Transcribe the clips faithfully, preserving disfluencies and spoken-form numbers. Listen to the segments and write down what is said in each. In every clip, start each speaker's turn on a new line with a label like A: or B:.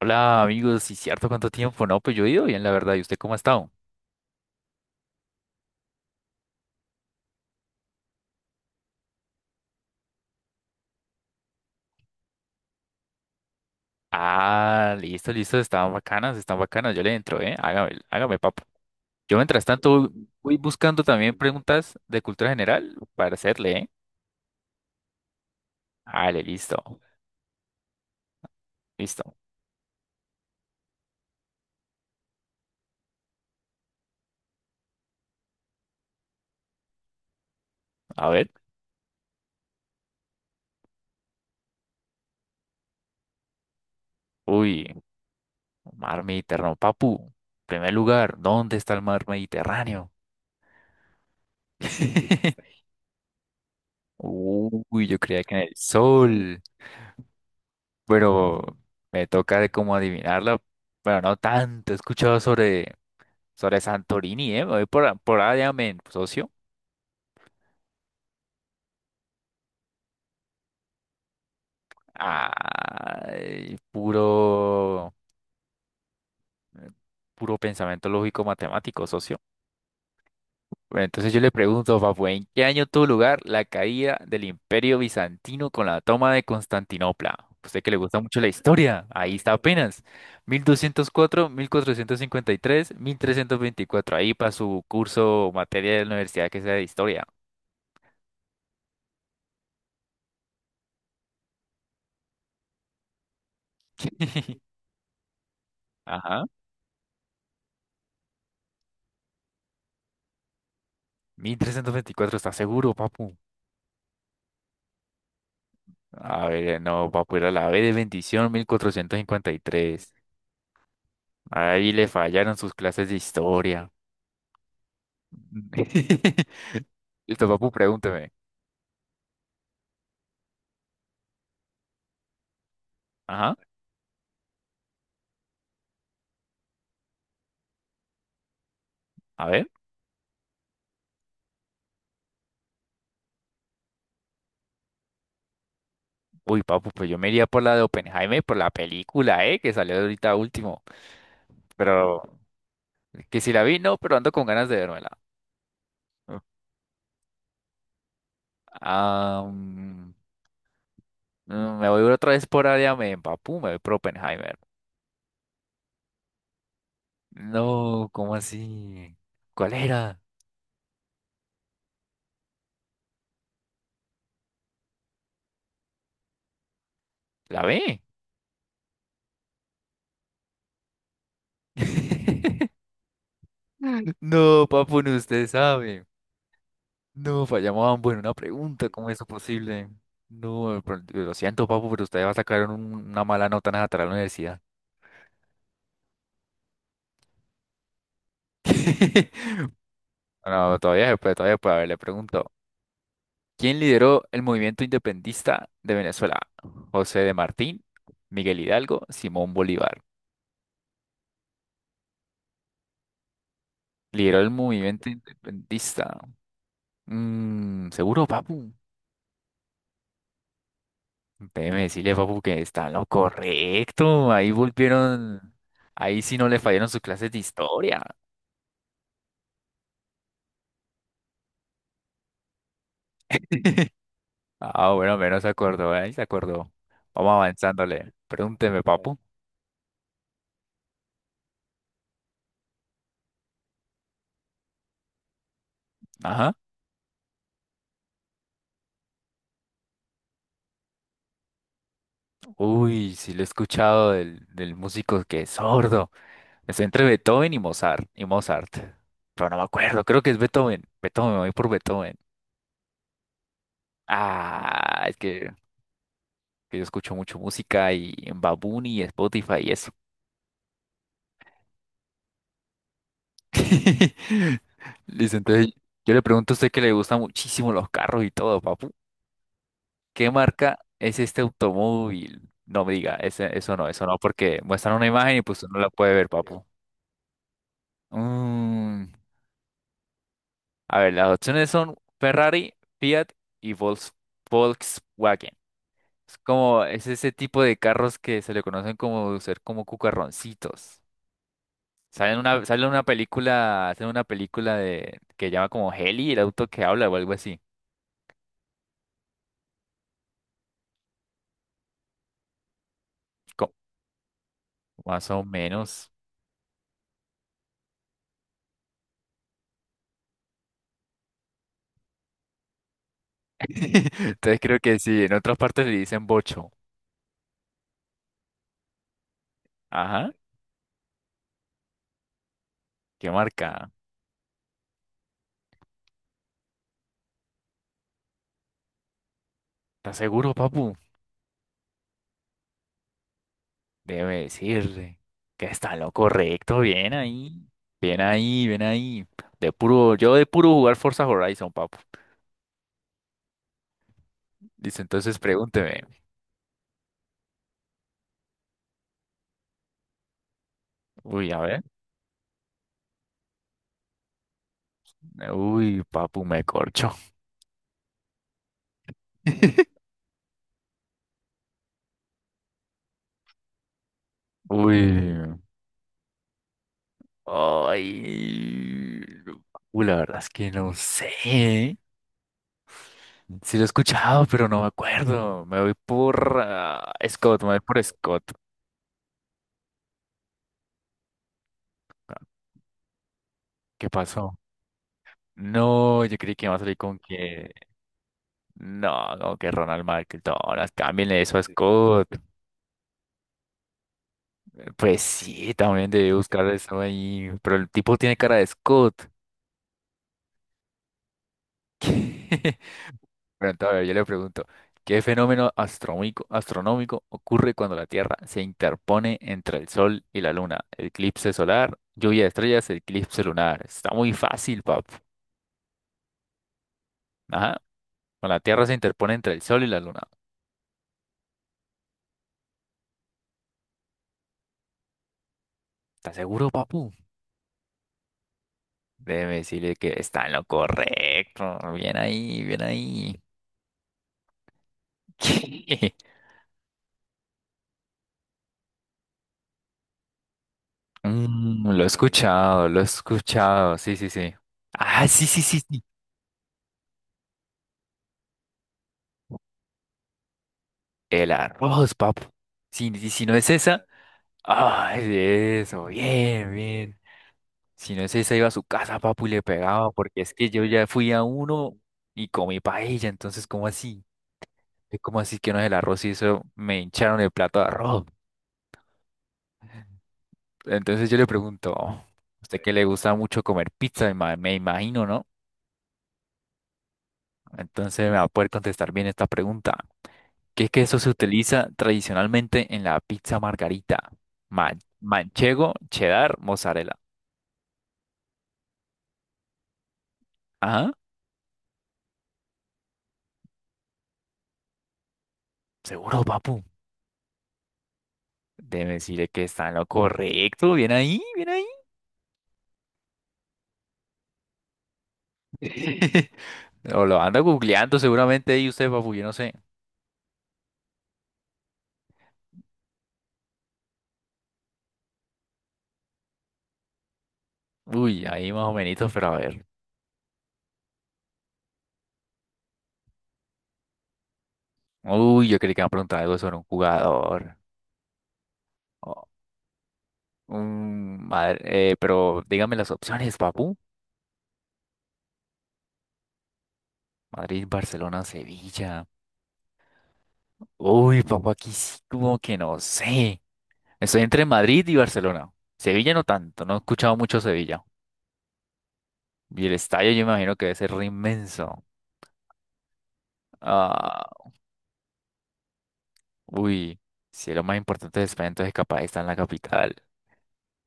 A: Hola amigos, sí cierto, ¿cuánto tiempo? No, pues yo he ido bien, la verdad. ¿Y usted cómo ha estado? Ah, listo, listo, están bacanas, están bacanas. Yo le entro, ¿eh? Hágame, hágame, papo. Yo mientras tanto voy buscando también preguntas de cultura general para hacerle, ¿eh? Dale, listo, listo. A ver, uy, mar Mediterráneo, papu. Primer lugar, ¿dónde está el mar Mediterráneo? Uy, yo creía que en el sol, pero me toca de cómo adivinarla. Bueno, no tanto, he escuchado sobre. Sobre Santorini, ¿eh? Me voy por, por allá, men, socio. Ay, puro, puro pensamiento lógico matemático, socio. Bueno, entonces yo le pregunto, papu, ¿en qué año tuvo lugar la caída del Imperio Bizantino con la toma de Constantinopla? Usted que le gusta mucho la historia, ahí está apenas. mil mil doscientos cuatro, mil cuatrocientos cincuenta y tres, mil trescientos veinticuatro. Ahí para su curso o materia de la universidad que sea de historia. Ajá. Mil trescientos veinticuatro, ¿está seguro, papu? A ver, no, papu, era la B de bendición, mil cuatrocientos cincuenta y tres. Ahí le fallaron sus clases de historia. Listo, papu, pregúnteme. Ajá, a ver. Uy, papu, pues yo me iría por la de Oppenheimer, por la película, ¿eh? Que salió ahorita último. Pero, que si la vi, no, pero ando con ganas de vérmela. Ah, mm, mm, me voy otra vez por área, me papu, me voy por Oppenheimer. No, ¿cómo así? ¿Cuál era? ¿La B? No, papu, ni usted sabe. No, fallamos ambos en una pregunta. ¿Cómo es eso posible? No, pero lo siento, papu, pero usted va a sacar un- una mala nota en esa tarea de la universidad. No, todavía se puede, todavía se puede. A ver, le pregunto. ¿Quién lideró el movimiento independentista de Venezuela? José de Martín, Miguel Hidalgo, Simón Bolívar. Lideró el movimiento independentista. Mm, ¿seguro, papu? Déjeme decirle, papu, que está en lo correcto. Ahí volvieron. Ahí sí no le fallaron sus clases de historia. Ah, bueno, menos se acordó, ahí se acordó. Vamos avanzándole. Pregúnteme, papu. Ajá. Uy, sí lo he escuchado del, del músico que es sordo. Es entre Beethoven y Mozart. Y Mozart. Pero no me acuerdo, creo que es Beethoven. Beethoven, me voy por Beethoven. Ah, es que, que yo escucho mucho música y en Babuni y Spotify y eso. Listo, entonces yo le pregunto a usted que le gustan muchísimo los carros y todo, papu. ¿Qué marca es este automóvil? No me diga, ese- eso no, eso no, porque muestran una imagen y pues no la puede ver, papu. Mm, a ver, las opciones son Ferrari, Fiat y Volks- Volkswagen. Es como, es ese tipo de carros que se le conocen como ser como cucarroncitos. Sale en una, sale en una película, hacen una película de que llama como Heli, el auto que habla o algo así. Más o menos. Entonces creo que sí, en otras partes le dicen bocho. Ajá, ¿qué marca? ¿Estás seguro, papu? Debe decirle que está en lo correcto. Bien ahí. Bien ahí, bien ahí. De puro, yo de puro jugar Forza Horizon, papu. Dice, entonces pregúnteme. Uy, a ver. Uy, papu, me corcho. Uy. Ay. Uy, la verdad es que no sé. Sí lo he escuchado, pero no me acuerdo. Me voy por ah, Scott, me voy por Scott. ¿Qué pasó? No, yo creí que iba a salir con que... No, no, que Ronald McDonald, cámbienle eso a Scott. Pues sí, también debe buscar eso ahí. Pero el tipo tiene cara de Scott. Pero entonces, a ver, yo le pregunto, ¿qué fenómeno astronómico, astronómico ocurre cuando la Tierra se interpone entre el Sol y la Luna? Eclipse solar, lluvia de estrellas, eclipse lunar. Está muy fácil, pap. Ajá. Con la Tierra se interpone entre el Sol y la Luna. ¿Estás seguro, papu? Déjeme decirle que está en lo correcto. Bien ahí, bien ahí. Mm, lo he escuchado, lo he escuchado. Sí, sí, sí. Ah, sí, sí, sí, sí. El arroz, papu. Si, si si no es esa. Ay, eso, bien, bien. Si no es esa, iba a su casa, papu, y le pegaba, porque es que yo ya fui a uno y comí paella, entonces, ¿cómo así? ¿Cómo así que no es el arroz y eso me hincharon el plato de arroz? Entonces yo le pregunto, "Oh, ¿usted que le gusta mucho comer pizza? Me ima- me imagino, ¿no? Entonces me va a poder contestar bien esta pregunta. ¿Qué queso se utiliza tradicionalmente en la pizza margarita? Ma- manchego, cheddar, mozzarella. Ajá, seguro, papu. Debe decirle que está en lo correcto. Bien ahí, bien ahí. O lo anda googleando seguramente ahí usted, papu, yo no sé. Uy, ahí más o menos, pero a ver. Uy, yo creí que me iba a preguntar algo sobre un jugador. Mm, madre- eh, pero dígame las opciones, papu. Madrid, Barcelona, Sevilla. Uy, papu, aquí sí como que no sé. Estoy entre Madrid y Barcelona. Sevilla no tanto, no he escuchado mucho Sevilla. Y el estadio yo me imagino que debe ser re inmenso. Ah, uy, si es lo más importante de España, entonces capaz está en la capital.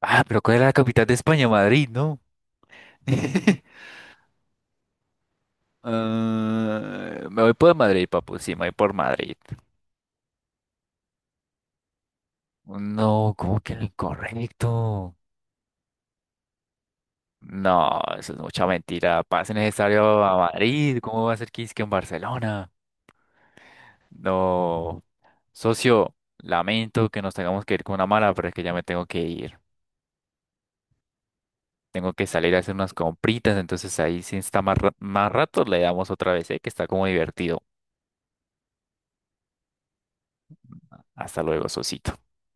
A: Ah, pero ¿cuál es la capital de España? Madrid, ¿no? Ah, me voy por Madrid, papu, sí, me voy por Madrid. No, ¿cómo que lo incorrecto? No, eso es mucha mentira. Pase necesario a Madrid. ¿Cómo va a ser que es que en Barcelona? No. Socio, lamento que nos tengamos que ir con una mala, pero es que ya me tengo que ir. Tengo que salir a hacer unas compritas, entonces ahí si está más, ra- más rato le damos otra vez, ¿eh? Que está como divertido. Hasta luego, socito.